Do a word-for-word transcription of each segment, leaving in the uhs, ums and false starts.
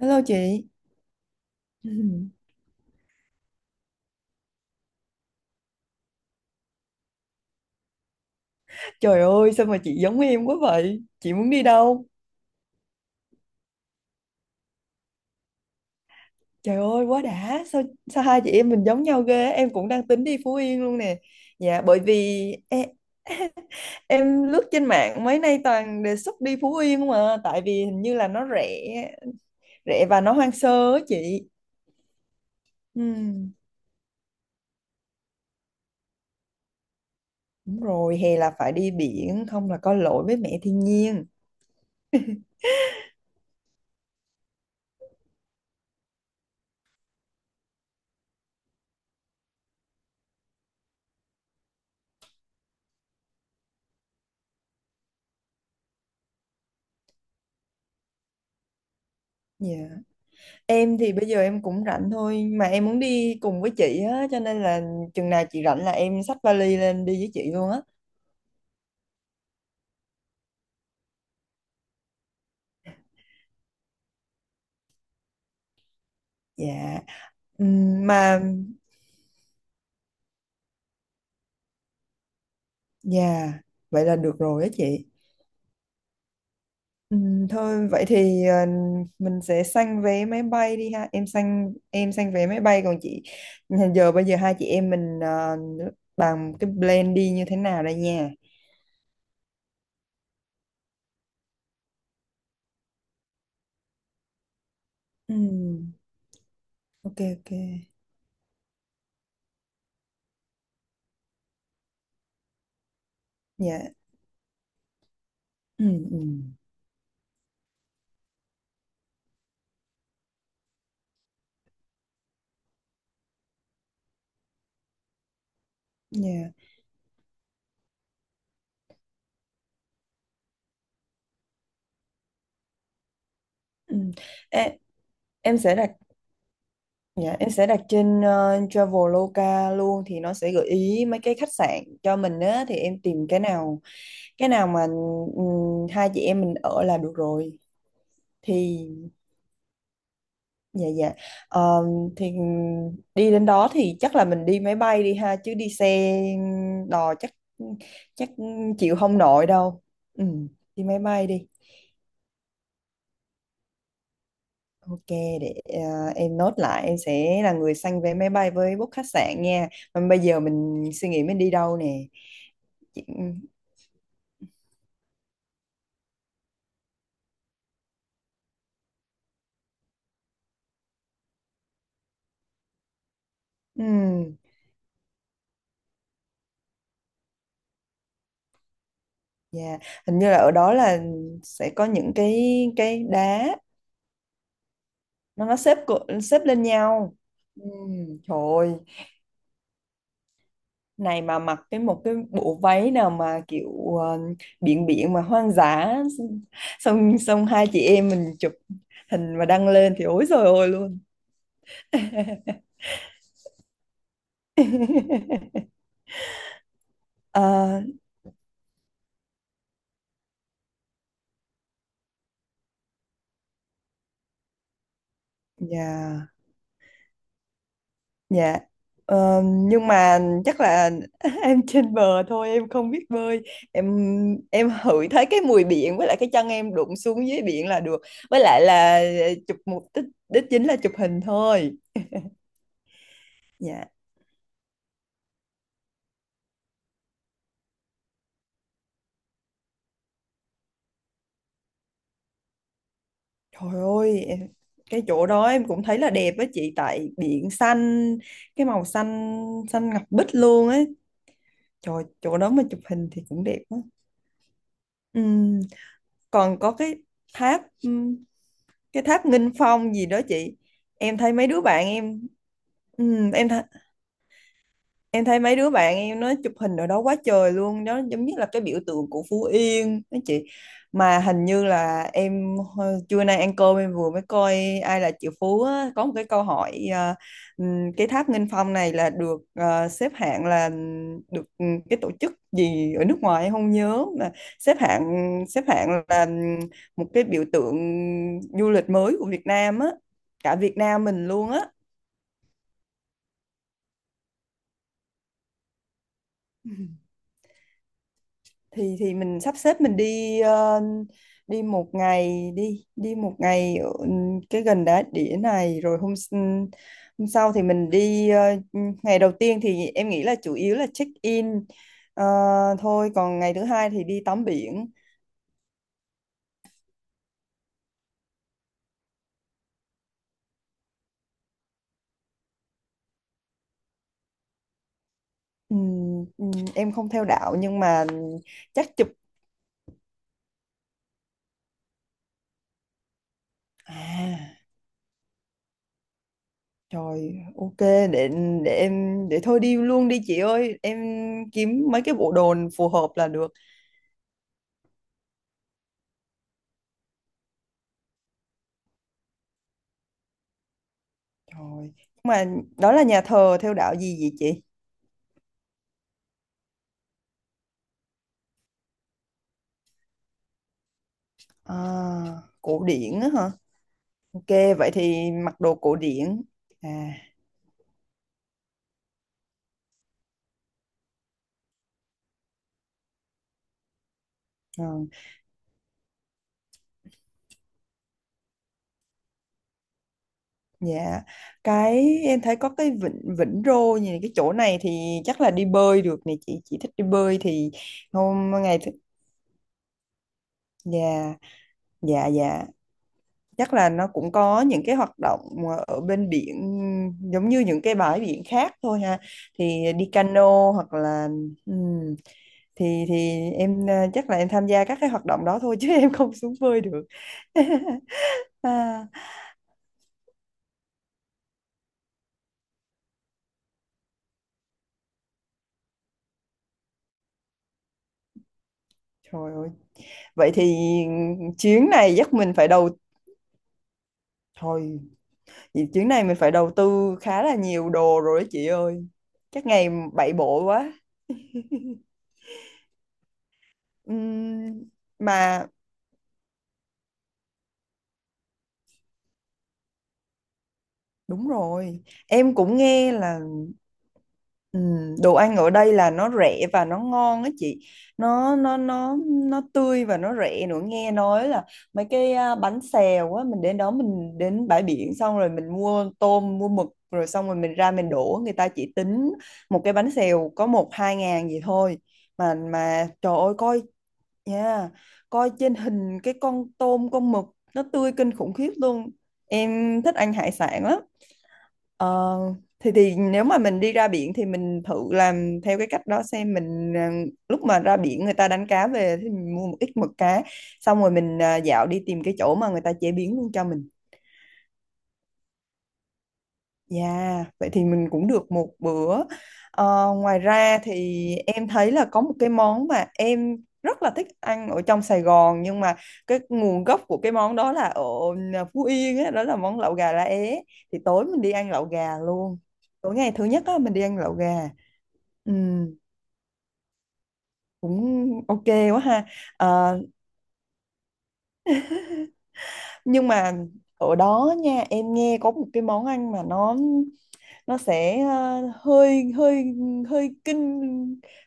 Hello chị. Ừ. Trời ơi, sao mà chị giống em quá vậy? Chị muốn đi đâu? Trời ơi quá đã. Sao sao hai chị em mình giống nhau ghê á? Em cũng đang tính đi Phú Yên luôn nè. Dạ, bởi vì em, em lướt trên mạng mấy nay toàn đề xuất đi Phú Yên không à. Tại vì hình như là nó rẻ. Rẻ và nó hoang sơ á chị. ừ, Đúng rồi, hè là phải đi biển. Không là có lỗi với mẹ thiên nhiên. Dạ. Em thì bây giờ em cũng rảnh thôi, mà em muốn đi cùng với chị á, cho nên là chừng nào chị rảnh là em xách vali lên đi với chị luôn á. Dạ. Ừm, Mà dạ, vậy là được rồi á chị. Ừm, thôi vậy thì ờ, mình sẽ săn vé máy bay đi ha. Em săn em săn vé máy bay, còn chị giờ bây giờ hai chị em mình ờ, bàn cái plan đi như thế nào đây nha. Ừm, ok ok. Dạ. Ừm, ừm, Dạ. Ừm. Ê, em sẽ đặt Dạ, em sẽ đặt trên ờ, Traveloka luôn, thì nó sẽ gợi ý mấy cái khách sạn cho mình á, thì em tìm cái nào cái nào mà ừm, hai chị em mình ở là được rồi thì dạ dạ. Ờ, thì đi đến đó thì chắc là mình đi máy bay đi ha, chứ đi xe đò chắc chắc chịu không nổi đâu. Ừ, đi máy bay đi. Ok, để ờ, em nốt lại, em sẽ là người săn vé máy bay với book khách sạn nha. Mà bây giờ mình suy nghĩ mình đi đâu nè. Chị- ừm, dạ. Hình như là ở đó là sẽ có những cái cái đá nó nó xếp cu- xếp lên nhau. Ừm, trời ơi, này mà mặc cái một cái bộ váy nào mà kiểu ờ, biển biển mà hoang dã, xong xong hai chị em mình chụp hình mà đăng lên thì ối rồi ôi luôn. À, dạ. Dạ. Ờ, nhưng mà chắc là em trên bờ thôi, em không biết bơi. Em em hửi thấy cái mùi biển với lại cái chân em đụng xuống dưới biển là được, với lại là chụp mục đích đích chính là chụp hình thôi. Dạ, trời ơi em, cái chỗ đó em cũng thấy là đẹp á chị, tại biển xanh, cái màu xanh xanh ngọc bích luôn ấy, trời chỗ đó mà chụp hình thì cũng đẹp á. Ừm, Còn có cái tháp cái tháp Nghinh Phong gì đó chị. Em thấy mấy đứa bạn em ừm, em Em thấy mấy đứa bạn em nó chụp hình ở đó quá trời luôn đó, giống như là cái biểu tượng của Phú Yên đó chị. Mà hình như là em hồi- trưa nay ăn cơm em vừa mới coi Ai Là Triệu Phú á, có một cái câu hỏi à, ừm, cái tháp Nghinh Phong này là được à, xếp hạng là ừm, được ừm, cái tổ chức gì ở nước ngoài em không nhớ, mà xếp hạng xếp hạng là ừm, một cái biểu tượng du lịch mới của Việt Nam á cả Việt Nam mình luôn á. Thì thì mình sắp xếp mình đi ờ, đi một ngày đi đi một ngày ở ừ, cái gần đá đĩa này, rồi hôm s- hôm sau thì mình đi ờ, ngày đầu tiên thì em nghĩ là chủ yếu là check in ờ, thôi, còn ngày thứ hai thì đi tắm biển. Ừm, ừm, em không theo đạo nhưng mà chắc chụp. À, trời, ok, để để em để thôi đi luôn đi chị ơi, em kiếm mấy cái bộ đồ phù hợp là được. Rồi. Nhưng mà đó là nhà thờ theo đạo gì vậy chị? À, cổ điển á hả? Ok, vậy thì mặc đồ cổ điển. À, ừ, dạ. Cái em thấy có cái vịnh Vĩnh Rô như cái chỗ này thì chắc là đi bơi được nè chị. Chị thích đi bơi thì hôm ngày thứ. Dạ, dạ dạ. Chắc là nó cũng có những cái hoạt động ờ, ở bên biển giống như những cái bãi biển khác thôi ha, thì đi cano hoặc là ừm, thì thì em ờ, chắc là em tham gia các cái hoạt động đó thôi, chứ em không xuống bơi được. À, trời ơi vậy thì chuyến này chắc mình phải đầu thôi vì chuyến này mình phải đầu tư khá là nhiều đồ rồi đó chị ơi, chắc ngày bảy bộ quá. Ừm, mà đúng rồi, em cũng nghe là Ừ, đồ ăn ở đây là nó rẻ và nó ngon á chị, nó nó nó nó tươi và nó rẻ nữa, nghe nói là mấy cái à, bánh xèo á, mình đến đó mình đến bãi biển xong rồi mình mua tôm mua mực, rồi xong rồi mình ra mình đổ, người ta chỉ tính một cái bánh xèo có một hai ngàn gì thôi, mà mà trời ơi coi nha, coi trên hình cái con tôm con mực nó tươi kinh khủng khiếp luôn, em thích ăn hải sản lắm. Ờ, thì thì nếu mà mình đi ra biển thì mình thử làm theo cái cách đó xem, mình à, lúc mà ra biển người ta đánh cá về thì mình mua một ít mực cá, xong rồi mình à, dạo đi tìm cái chỗ mà người ta chế biến luôn cho mình. Yeah, vậy thì mình cũng được một bữa. Ờ, ngoài ra thì em thấy là có một cái món mà em rất là thích ăn ở trong Sài Gòn, nhưng mà cái nguồn gốc của cái món đó là ở Phú Yên á, đó là món lẩu gà lá é. Thì tối mình đi ăn lẩu gà luôn. Tối ngày thứ nhất á mình đi ăn lẩu gà. Ừ, cũng ok quá ha. Ờ, nhưng mà ở đó nha, em nghe có một cái món ăn mà nó nó sẽ ờ, hơi hơi hơi kinh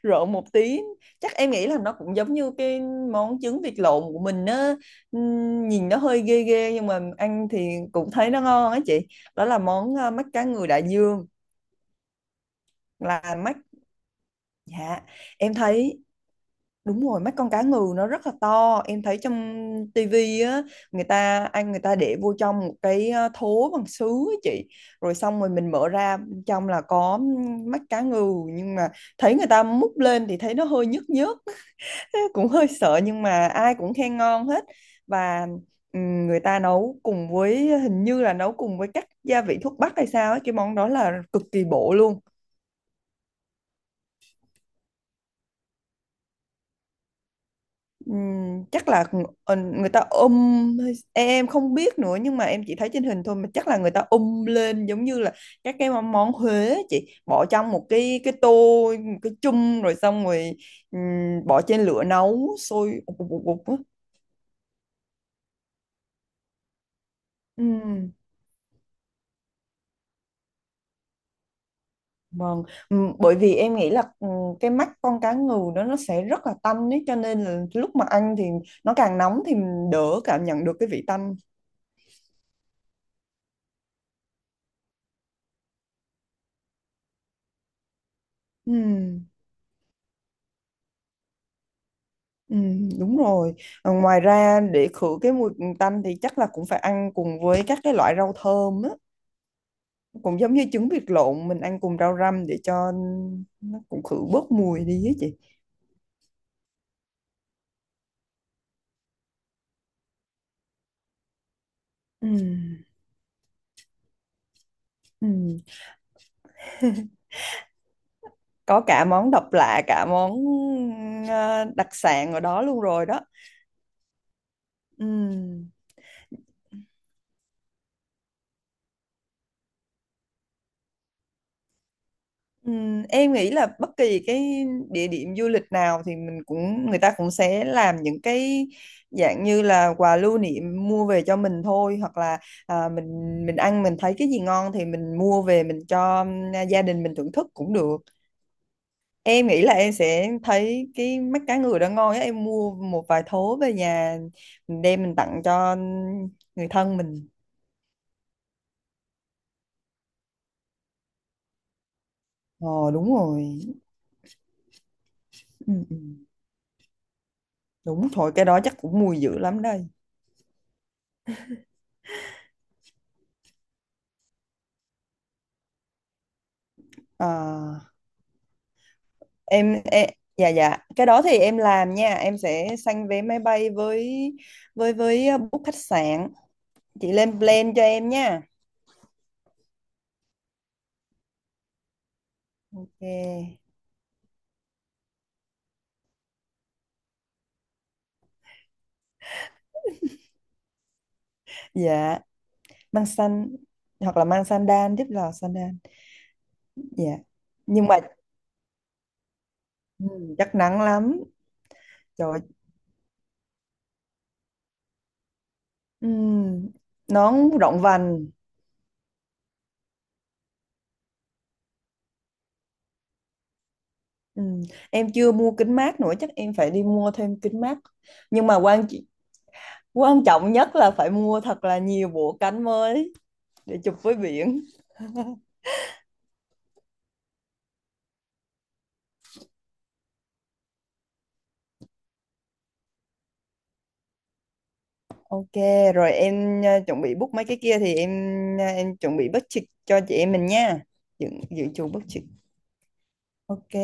rợn một tí, chắc em nghĩ là nó cũng giống như cái món trứng vịt lộn của mình á. Ừm, nhìn nó hơi ghê ghê nhưng mà ăn thì cũng thấy nó ngon á chị, đó là món ờ, mắt cá ngừ đại dương. Là mắt, dạ em thấy. Đúng rồi, mắt con cá ngừ nó rất là to. Em thấy trong tivi á, người ta ăn người ta để vô trong một cái ờ, thố bằng sứ á chị. Rồi xong rồi mình mở ra, trong là có mắt cá ngừ, nhưng mà thấy người ta múc lên thì thấy nó hơi nhức nhức, cũng hơi sợ nhưng mà ai cũng khen ngon hết. Và ừm, người ta nấu cùng với, hình như là nấu cùng với các gia vị thuốc bắc hay sao ấy, cái món đó là cực kỳ bổ luôn. Ừm, chắc là ng- ờ, người ta ôm, hay- em không biết nữa, nhưng mà em chỉ thấy trên hình thôi, mà chắc là người ta ôm lên giống như là các cái món món Huế á chị, bỏ trong một cái cái tô, một cái chung, rồi xong rồi ừm, bỏ trên lửa nấu sôi ụp ụp ụp ụp á. Ừm, vâng. Ừm, bởi vì em nghĩ là ừm, cái mắt con cá ngừ đó nó sẽ rất là tanh ấy, cho nên là lúc mà ăn thì nó càng nóng thì mình đỡ cảm nhận được cái vị tanh. Ừm. Ừ, đúng rồi. Ờ, ngoài ra để khử cái mùi tanh thì chắc là cũng phải ăn cùng với các cái loại rau thơm á, cũng giống như trứng vịt lộn mình ăn cùng rau răm để cho nó cũng khử bớt mùi đi á chị. Ừ, ừ. Có cả món độc lạ, cả món ờ, đặc sản ở đó luôn rồi đó. Ừ. Ừm, em nghĩ là bất kỳ cái địa điểm du lịch nào thì mình cũng, người ta cũng sẽ làm những cái dạng như là quà lưu niệm mua về cho mình thôi, hoặc là à, mình mình ăn mình thấy cái gì ngon thì mình mua về mình cho ừm, gia đình mình thưởng thức cũng được. Em nghĩ là em sẽ thấy cái mắt cá ngừ đó ngon á, em mua một vài thố về nhà, mình đem mình tặng cho ừm, người thân mình. Ờ đúng rồi, ừ, ừ. Đúng, thôi cái đó chắc cũng mùi dữ lắm đây. à em, em dạ dạ, cái đó thì em làm nha, em sẽ sanh vé máy bay với với với ờ, book khách sạn. Chị lên plan cho em nha. Ok. Dạ, mang xanh hoặc là mang sandan, giúp là sandan. Dạ, nhưng mà ừ, chắc nắng lắm, trời ơi. Ừ, nón rộng vành. Ừ. Em chưa mua kính mát nữa, chắc em phải đi mua thêm kính mát, nhưng mà quan quan trọng nhất là phải mua thật là nhiều bộ cánh mới để chụp với biển. Ok, rồi em ờ, chuẩn bị book mấy cái kia, thì em ờ, em chuẩn bị budget cho chị em mình nha. Dự dự trù budget. Ok.